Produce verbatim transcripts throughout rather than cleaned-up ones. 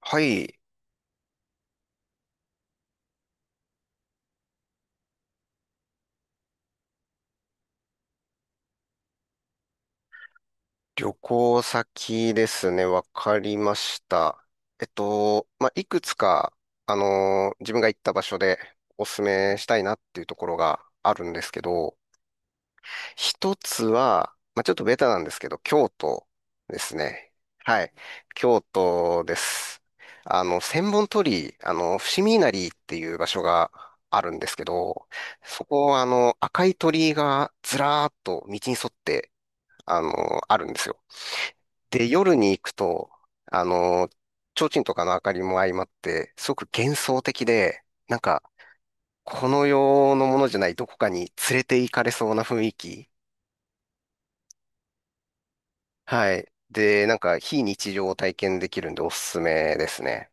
はい。旅行先ですね。わかりました。えっと、まあ、いくつか、あのー自分が行った場所でおすすめしたいなっていうところがあるんですけど、一つは、まあ、ちょっとベタなんですけど、京都ですね。はい。京都です。あの、千本鳥居、あの、伏見稲荷っていう場所があるんですけど、そこはあの、赤い鳥居がずらーっと道に沿って、あの、あるんですよ。で、夜に行くと、あの、提灯とかの明かりも相まって、すごく幻想的で、なんか、この世のものじゃないどこかに連れて行かれそうな雰囲気。はい。で、なんか、非日常を体験できるんでおすすめですね。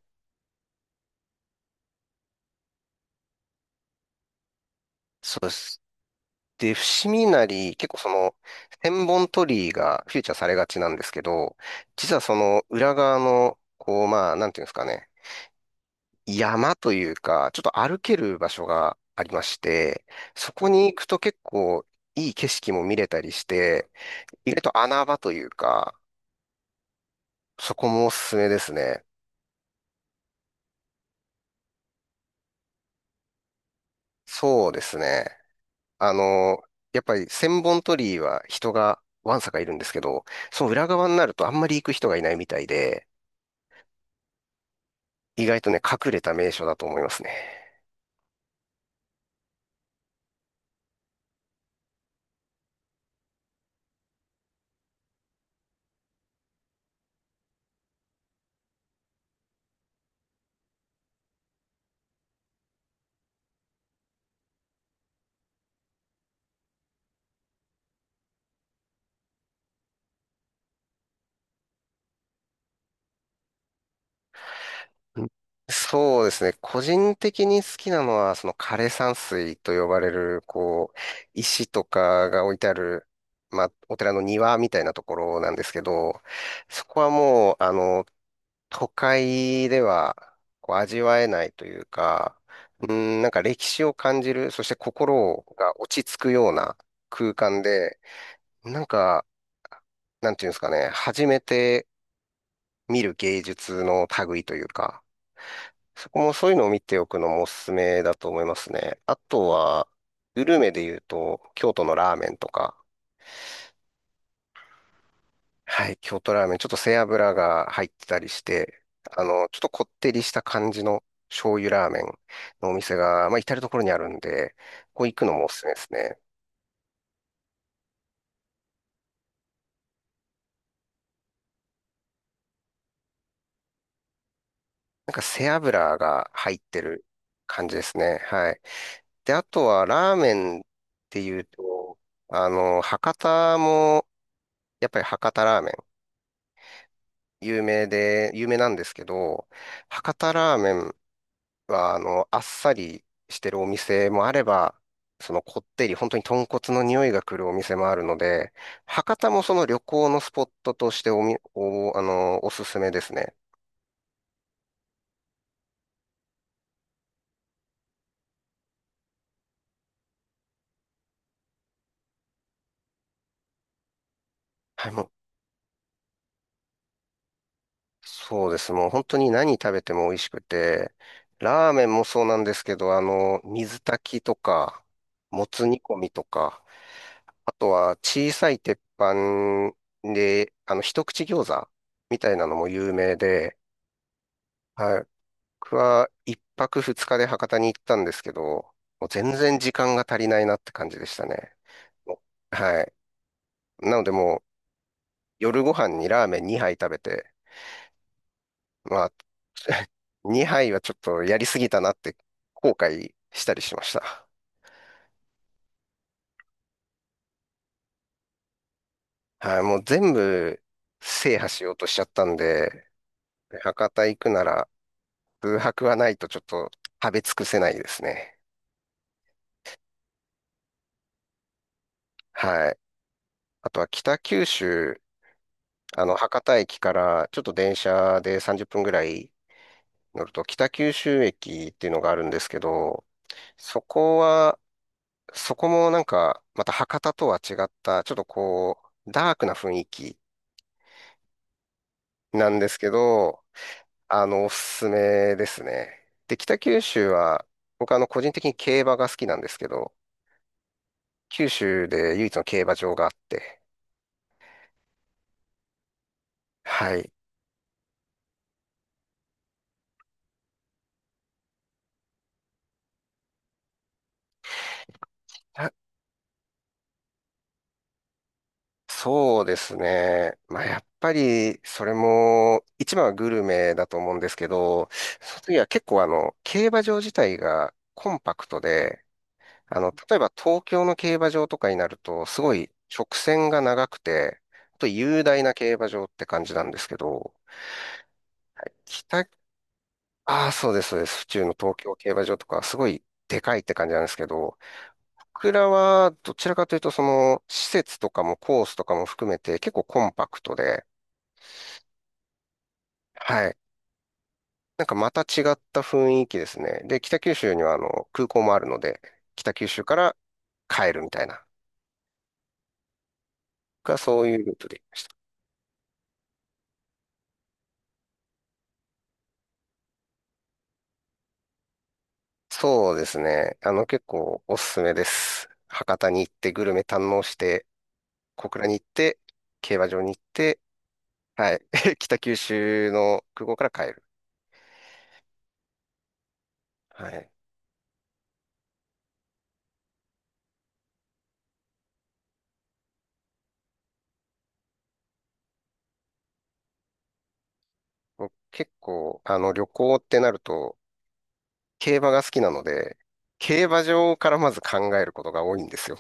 そうです。で、伏見稲荷、結構その、千本鳥居がフィーチャーされがちなんですけど、実はその裏側の、こう、まあ、なんていうんですかね。山というか、ちょっと歩ける場所がありまして、そこに行くと結構いい景色も見れたりして、意外と穴場というか、そこもおすすめですね。そうですね。あの、やっぱり千本鳥居は人がわんさかいるんですけど、その裏側になるとあんまり行く人がいないみたいで、意外とね、隠れた名所だと思いますね。うん、そうですね。個人的に好きなのは、その枯山水と呼ばれる、こう、石とかが置いてある、まあ、お寺の庭みたいなところなんですけど、そこはもう、あの、都会では、こう、味わえないというか、うん、なんか歴史を感じる、そして心が落ち着くような空間で、なんか、なんていうんですかね、初めて見る芸術の類というか、そこもそういうのを見ておくのもおすすめだと思いますね。あとは、グルメで言うと、京都のラーメンとか、はい、京都ラーメン、ちょっと背脂が入ってたりして、あの、ちょっとこってりした感じの醤油ラーメンのお店が、まあ、至るところにあるんで、ここ行くのもおすすめですね。なんか背脂が入ってる感じですね。はい。で、あとはラーメンっていうと、あの、博多も、やっぱり博多ラーメン有名で、有名なんですけど、博多ラーメンは、あの、あっさりしてるお店もあれば、そのこってり、本当に豚骨の匂いが来るお店もあるので、博多もその旅行のスポットとしておみ、お、あの、おすすめですね。はい、もう、そうです。もう本当に何食べても美味しくて、ラーメンもそうなんですけど、あの、水炊きとか、もつ煮込みとか、あとは小さい鉄板で、あの、一口餃子みたいなのも有名で、はい。僕はいっぱくふつかで博多に行ったんですけど、もう全然時間が足りないなって感じでしたね。もう、はい。なのでもう夜ご飯にラーメンにはい食べて、まあ、にはいはちょっとやりすぎたなって後悔したりしました。はい。もう全部制覇しようとしちゃったんで、博多行くなら空白はないとちょっと食べ尽くせないですね。はい。あとは北九州、あの、博多駅からちょっと電車でさんじゅっぷんぐらい乗ると北九州駅っていうのがあるんですけど、そこは、そこもなんかまた博多とは違った、ちょっとこう、ダークな雰囲気なんですけど、あの、おすすめですね。で、北九州は、僕あの、個人的に競馬が好きなんですけど、九州で唯一の競馬場があって、はい。そうですね。まあ、やっぱり、それも、一番はグルメだと思うんですけど、その次は結構あの、競馬場自体がコンパクトで、あの、例えば東京の競馬場とかになると、すごい直線が長くて、あと雄大な競馬場って感じなんですけど、北、ああ、そうです、そうです。府中の東京競馬場とかはすごいでかいって感じなんですけど、僕らはどちらかというと、その、施設とかもコースとかも含めて結構コンパクトで、はい。なんかまた違った雰囲気ですね。で、北九州にはあの空港もあるので、北九州から帰るみたいな、がそういうルートで行きました。そうですね。あの結構おすすめです。博多に行ってグルメ堪能して、小倉に行って、競馬場に行って、はい。北九州の空港から帰る。はい。僕結構、あの旅行ってなると、競馬が好きなので、競馬場からまず考えることが多いんですよ。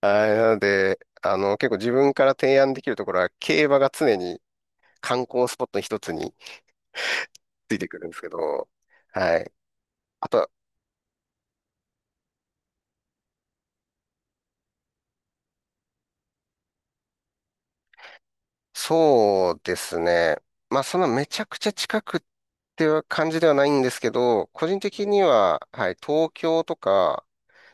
あれなので、あの、結構自分から提案できるところは、競馬が常に観光スポットの一つについてくるんですけど、はい。あと、そうですね。まあ、そんなめちゃくちゃ近くっていう感じではないんですけど、個人的には、はい、東京とか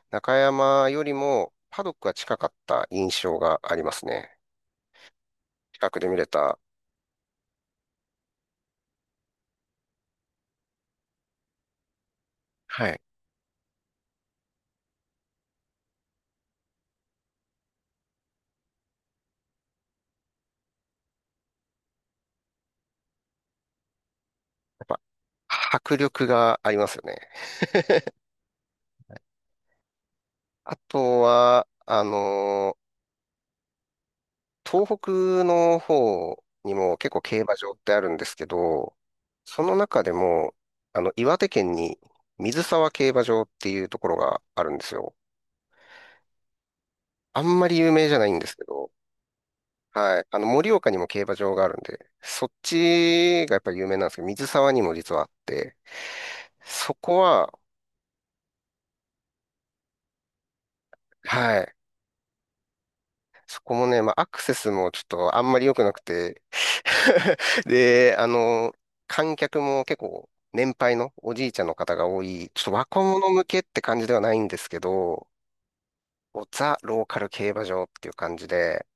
中山よりもパドックが近かった印象がありますね。近くで見れた。はい。やっぱ、迫力がありますよね。あとは、あの東北の方にも結構競馬場ってあるんですけど、その中でも、あの、岩手県に水沢競馬場っていうところがあるんですよ。あんまり有名じゃないんですけど、はい。あの、盛岡にも競馬場があるんで、そっちがやっぱり有名なんですけど、水沢にも実はあって、そこは、はい。そこもね、まあ、アクセスもちょっとあんまり良くなくて で、あの、観客も結構年配のおじいちゃんの方が多い、ちょっと若者向けって感じではないんですけど、ザ・ローカル競馬場っていう感じで、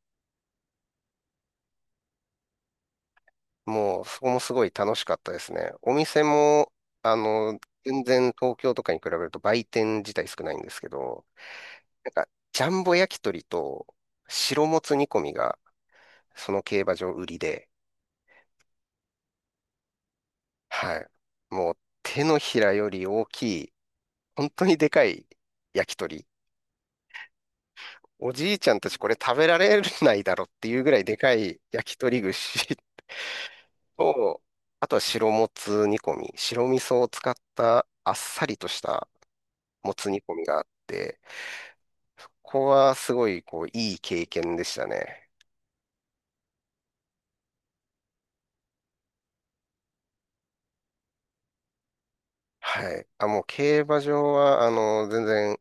もうそこもすごい楽しかったですね。お店も、あの、全然東京とかに比べると売店自体少ないんですけど、なんか、ジャンボ焼き鳥と白もつ煮込みがその競馬場売りで、はい。もう手のひらより大きい、本当にでかい焼き鳥。おじいちゃんたちこれ食べられないだろっていうぐらいでかい焼き鳥串と、あとは白もつ煮込み。白味噌を使ったあっさりとしたもつ煮込みがあって、ここはすごいこういい経験でしたね。はい。あ、もう競馬場は、あの、全然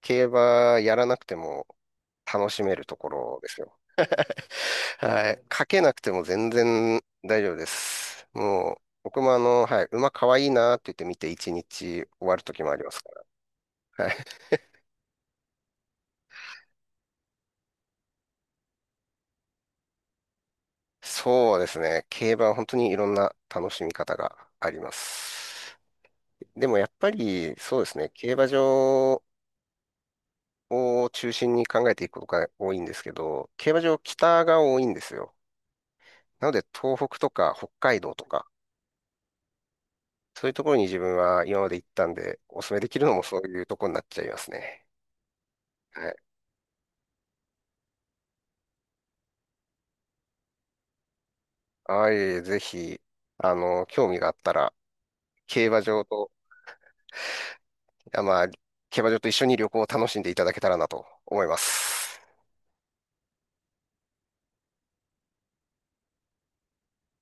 競馬やらなくても楽しめるところですよね。はい。書けなくても全然大丈夫です。もう、僕もあの、はい、馬かわいいなって言って見て一日終わる時もありますから。はい。そうですね。競馬は本当にいろんな楽しみ方があります。でもやっぱり、そうですね。競馬場を中心に考えていくことが多いんですけど、競馬場北が多いんですよ。なので、東北とか北海道とか、そういうところに自分は今まで行ったんで、お勧めできるのもそういうところになっちゃいますね。はい、はい、ぜひ、あの、興味があったら、競馬場と、あ、まあ、競馬場と一緒に旅行を楽しんでいただけたらなと思います。